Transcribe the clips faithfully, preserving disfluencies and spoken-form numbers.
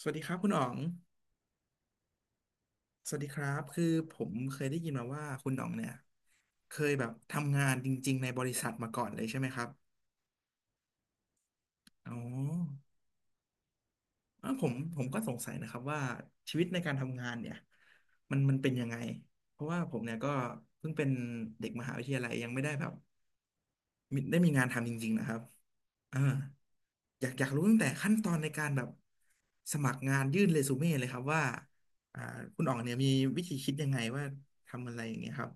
สวัสดีครับคุณอ๋อง สวัสดีครับคือผมเคยได้ยินมาว่าคุณอ๋องเนี่ยเคยแบบทำงานจริงๆในบริษัทมาก่อนเลยใช่ไหมครับอ๋อเอ้าผมผมก็สงสัยนะครับว่าชีวิตในการทำงานเนี่ยมันมันเป็นยังไงเพราะว่าผมเนี่ยก็เพิ่งเป็นเด็กมหาวิทยาลัยยังไม่ได้แบบมีได้มีงานทำจริงๆนะครับอ่าอยากอยากรู้ตั้งแต่ขั้นตอนในการแบบสมัครงานยื่นเรซูเม่เลยครับว่าอ่าคุณอ๋องเนี่ยมีวิธีคิดยังไงว่าทำอะไรอย่างเงี้ยครับ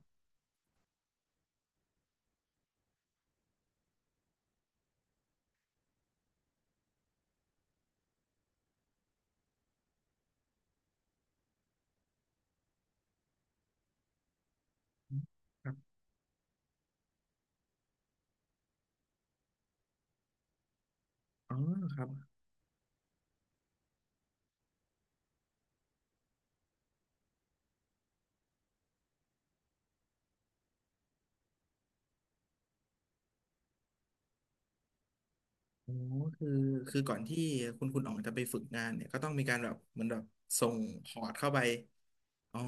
ครับอ๋อครับโอ้คือคือก่อนที่คุณคุณอ๋องจะไปฝึกงานเนี่ยก็ต้องมีการแบบเหมือนแบบส่งพอร์ตเข้าไปอ๋อ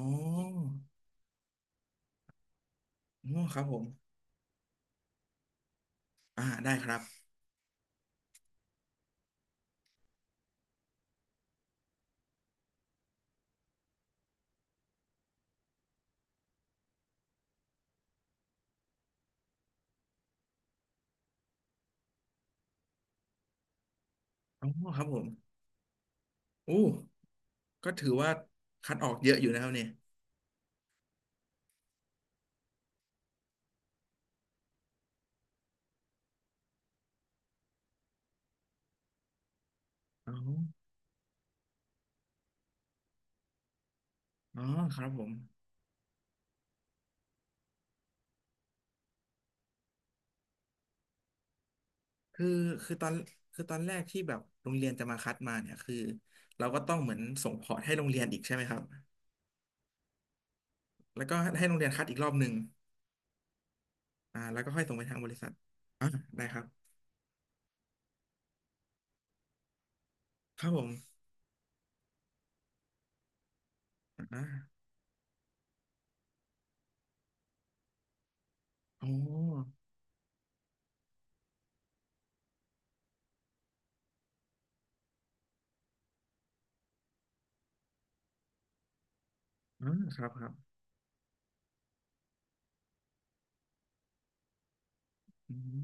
อ๋อครับผมอ่าได้ครับอ๋อครับผมอู้ก็ถือว่าคัดออกเยอะอยู่นะครับเนี่ยอ๋ออ๋อครับผมคือคือตอนคือตอนแรกที่แบบโรงเรียนจะมาคัดมาเนี่ยคือเราก็ต้องเหมือนส่งพอร์ตให้โรงเรียนอีกใช่ไหมครับแล้วก็ให้โรงเรียนคัดอีกรอบหนึ่งอ่าแล้วก็ค่อยส่งไปทางบริษัทอ่าได้ครับครับผม อ่าอ๋ออ่าครับครับอืม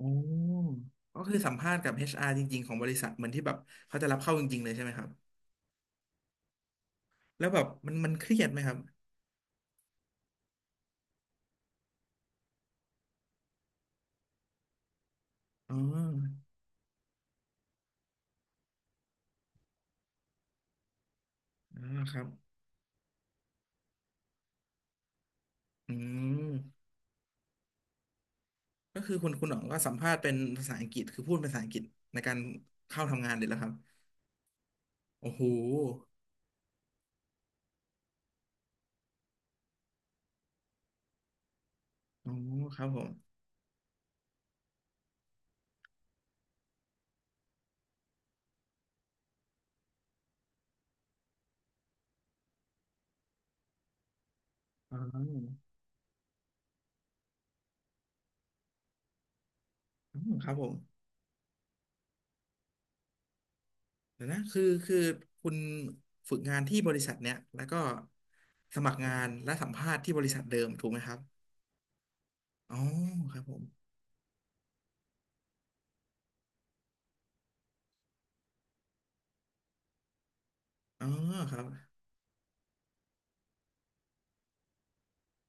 โอ้ก็คือสัมภาษณ์กับ เอช อาร์ จริงๆของบริษัทเหมือนที่แบบเขาจะรับเข้าจริงๆเลยใช่ไหมครับ แล้วแบบมันมันเครียดไหมครับอ๋ออ่าครับ อืมก็คือคุณคุณหนองก็สัมภาษณ์เป็นภาษาอังกฤษคือพูดเป็นภาษาอังกฤษในการเข้าทำงานเลยแล้วครับโอ้โหอ๋อครับผมอ๋ออืมครับผม เดี๋ยวนะคือคือคุณฝึกงานที่บริษัทเนี้ยแล้วก็สมัครงานและสัมภาษณ์ที่บริษัทเดิมถูกไหมครับอ๋อครับผมอ๋อครับ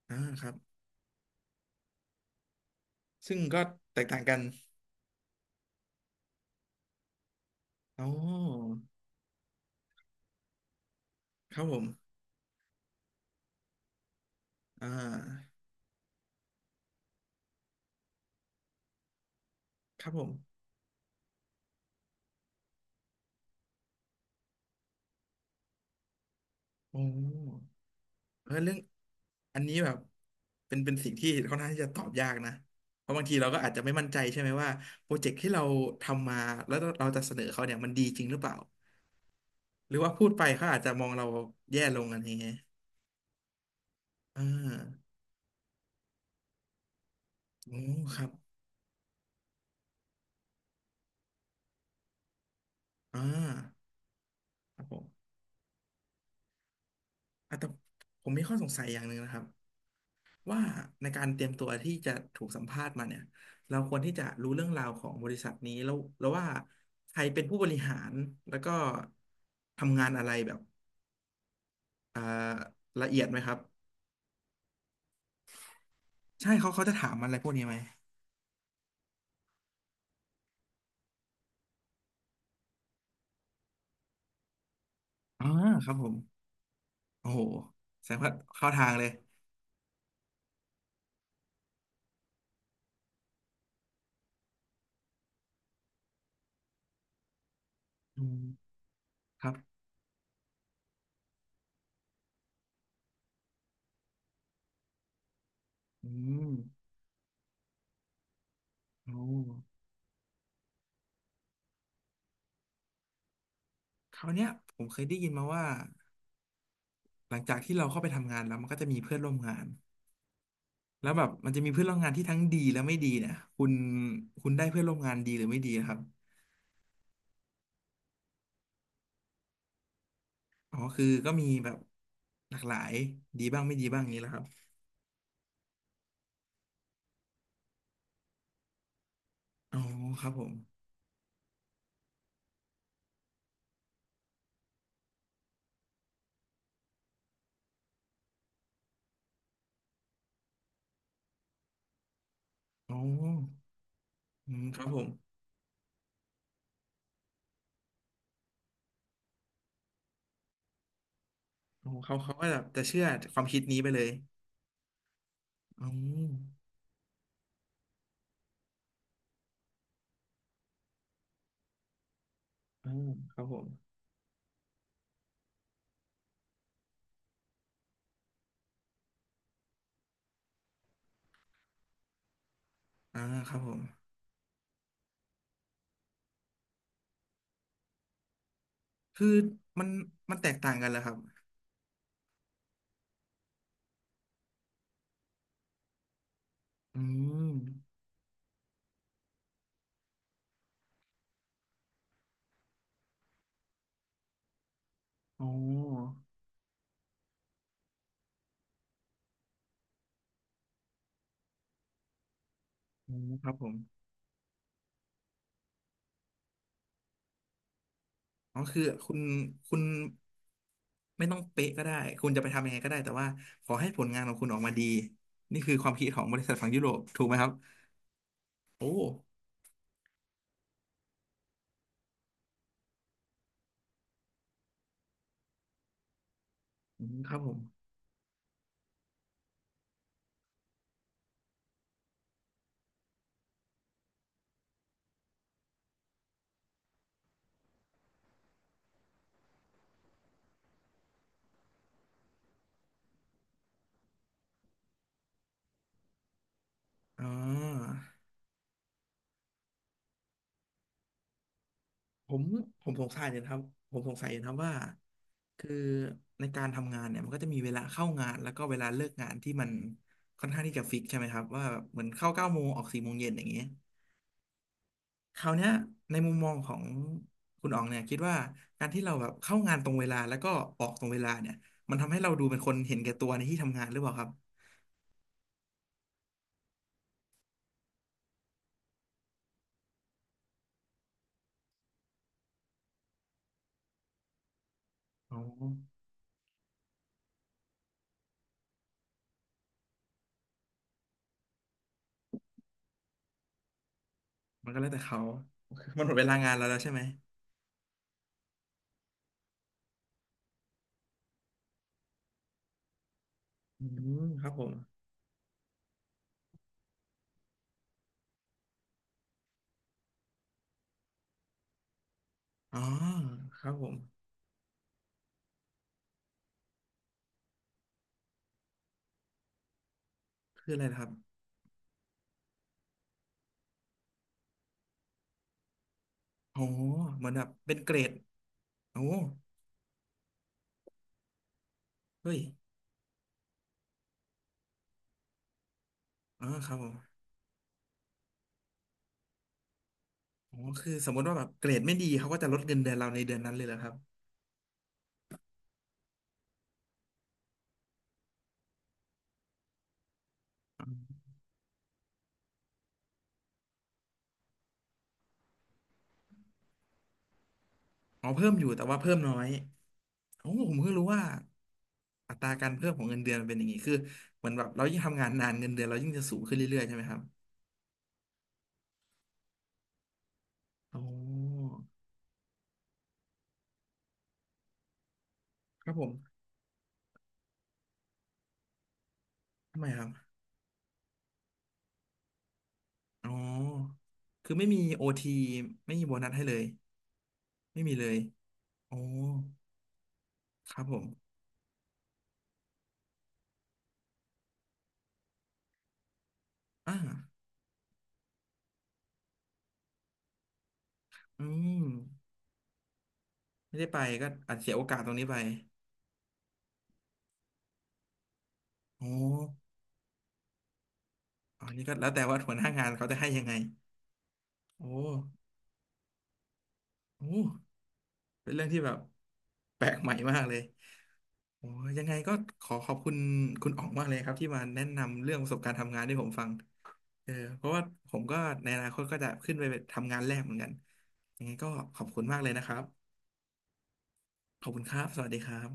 อ่าครับ ซึ่งก็แตกต่างกันอ๋อครับผม อ่าครับผมโอ้เออเรื่องอันนี้แบบเป็นเป็นสิ่งที่ค่อนข้างที่จะตอบยากนะเพราะบางทีเราก็อาจจะไม่มั่นใจใช่ไหมว่า โปรเจกต์ที่เราทำมาแล้วเราจะเสนอเขาเนี่ยมันดีจริงหรือเปล่า หรือว่าพูดไปเขาอาจจะมองเราแย่ลงอะไรเงี้ยอ่าโอ้ครับอ่าครับผมอ่ะแต่ผมมีข้อสงสัยอย่างหนึ่งนะครับว่าในการเตรียมตัวที่จะถูกสัมภาษณ์มาเนี่ยเราควรที่จะรู้เรื่องราวของบริษัทนี้แล้วแล้วว่าใครเป็นผู้บริหารแล้วก็ทำงานอะไรแบบอ่าละเอียดไหมครับใช่เขาเขาจะถามอะไรพวกนี้ไหมอ่าครับผมโอ้โหแสดงว่าเข้าทางเลยอืมครับอืมโอ้ คราวเนี้ยผมเคยได้ยินมาว่าหลังจากที่เราเข้าไปทำงานแล้วมันก็จะมีเพื่อนร่วมงานแล้วแบบมันจะมีเพื่อนร่วมงานที่ทั้งดีและไม่ดีเนี่ยคุณคุณได้เพื่อนร่วมงานดีหรือไม่ดีอะครับอ๋อคือก็มีแบบหลากหลายดีบ้างไม่ดีบ้างอย่างนี้แหละครับอ๋อครับผมอ๋ออืมครับผมอ๋อเขาเขาก็แบบจะเชื่อความคิดนี้ไปเลยอ๋ออ๋อครับผมอ่าครับผมคือมันมันแตกต่างกันเหรอครับอืมอ๋ออืมครับผม อ๋อคือคุณคุณไม่ต้องเป๊ะก็ได้คุณจะไปทำยังไงก็ได้แต่ว่าขอให้ผลงานของคุณออกมาดีนี่คือความคิดของบริษัทฝั่งยุโรปถูกไหมครับโอ้อืมครับผมอ่าผมผมสงสัยอยู่นะครับผมสงสัยอยู่นะครับว่าคือในการทำงานเนี่ยมันก็จะมีเวลาเข้างานแล้วก็เวลาเลิกงานที่มันค่อนข้างที่จะฟิกใช่ไหมครับว่าแบบเหมือนเข้าเก้าโมงออกสี่โมงเย็นอย่างเงี้ย คราวเนี้ยในมุมมองของคุณอ๋องเนี่ยคิดว่าการที่เราแบบเข้างานตรงเวลาแล้วก็ออกตรงเวลาเนี่ยมันทำให้เราดูเป็นคนเห็นแก่ตัวในที่ทำงานหรือเปล่าครับอ๋อมันก็แล้วแต่เขา มันหมดเวลางานเราแล้วใช่ไหมอืมครับผมอ๋อครับผมคืออะไรนะครับโอ้เหมือนแบบเป็นเกรดโอ้เฮ้ยอ๋อครับผมอ๋อคือสมมติว่าแบบเกรดไม่ดีเขาก็จะลดเงินเดือนเราในเดือนนั้นเลยเหรอครับ อ๋อเพิ่มอยู่แต่ว่าเพิ่มน้อยโอ้ผมเพิ่งรู้ว่าอัตราการเพิ่มของเงินเดือนมันเป็นอย่างนี้คือเหมือนแบบเรายิ่งทำงานนานเงินเดือนเรายิ่งจะสูงขึ้นเรื่อยๆใช่ไหมครับอ๋อครับผมทำไมครับอ๋อคือไม่มีโอทีไม่มีโบนัสให้เลยไม่มีเลยอ๋อครับผมอ่าอืมไม่ได้ไปก็อาจเสียโอกาสตรงนี้ไปอ๋ออันนี้ก็แล้วแต่ว่าหัวหน้างานเขาจะให้ยังไงโอ้โอ้เป็นเรื่องที่แบบแปลกใหม่มากเลย โอ้ยยังไงก็ขอขอบคุณคุณอ๋องมากเลยครับที่มาแนะนำเรื่องประสบการณ์ทำงานให้ผมฟังเออเพราะว่าผมก็ในอนาคตก็จะขึ้นไปทำงานแรกเหมือนกันยังไงก็ขอบคุณมากเลยนะครับ ขอบคุณครับ สวัสดีครับ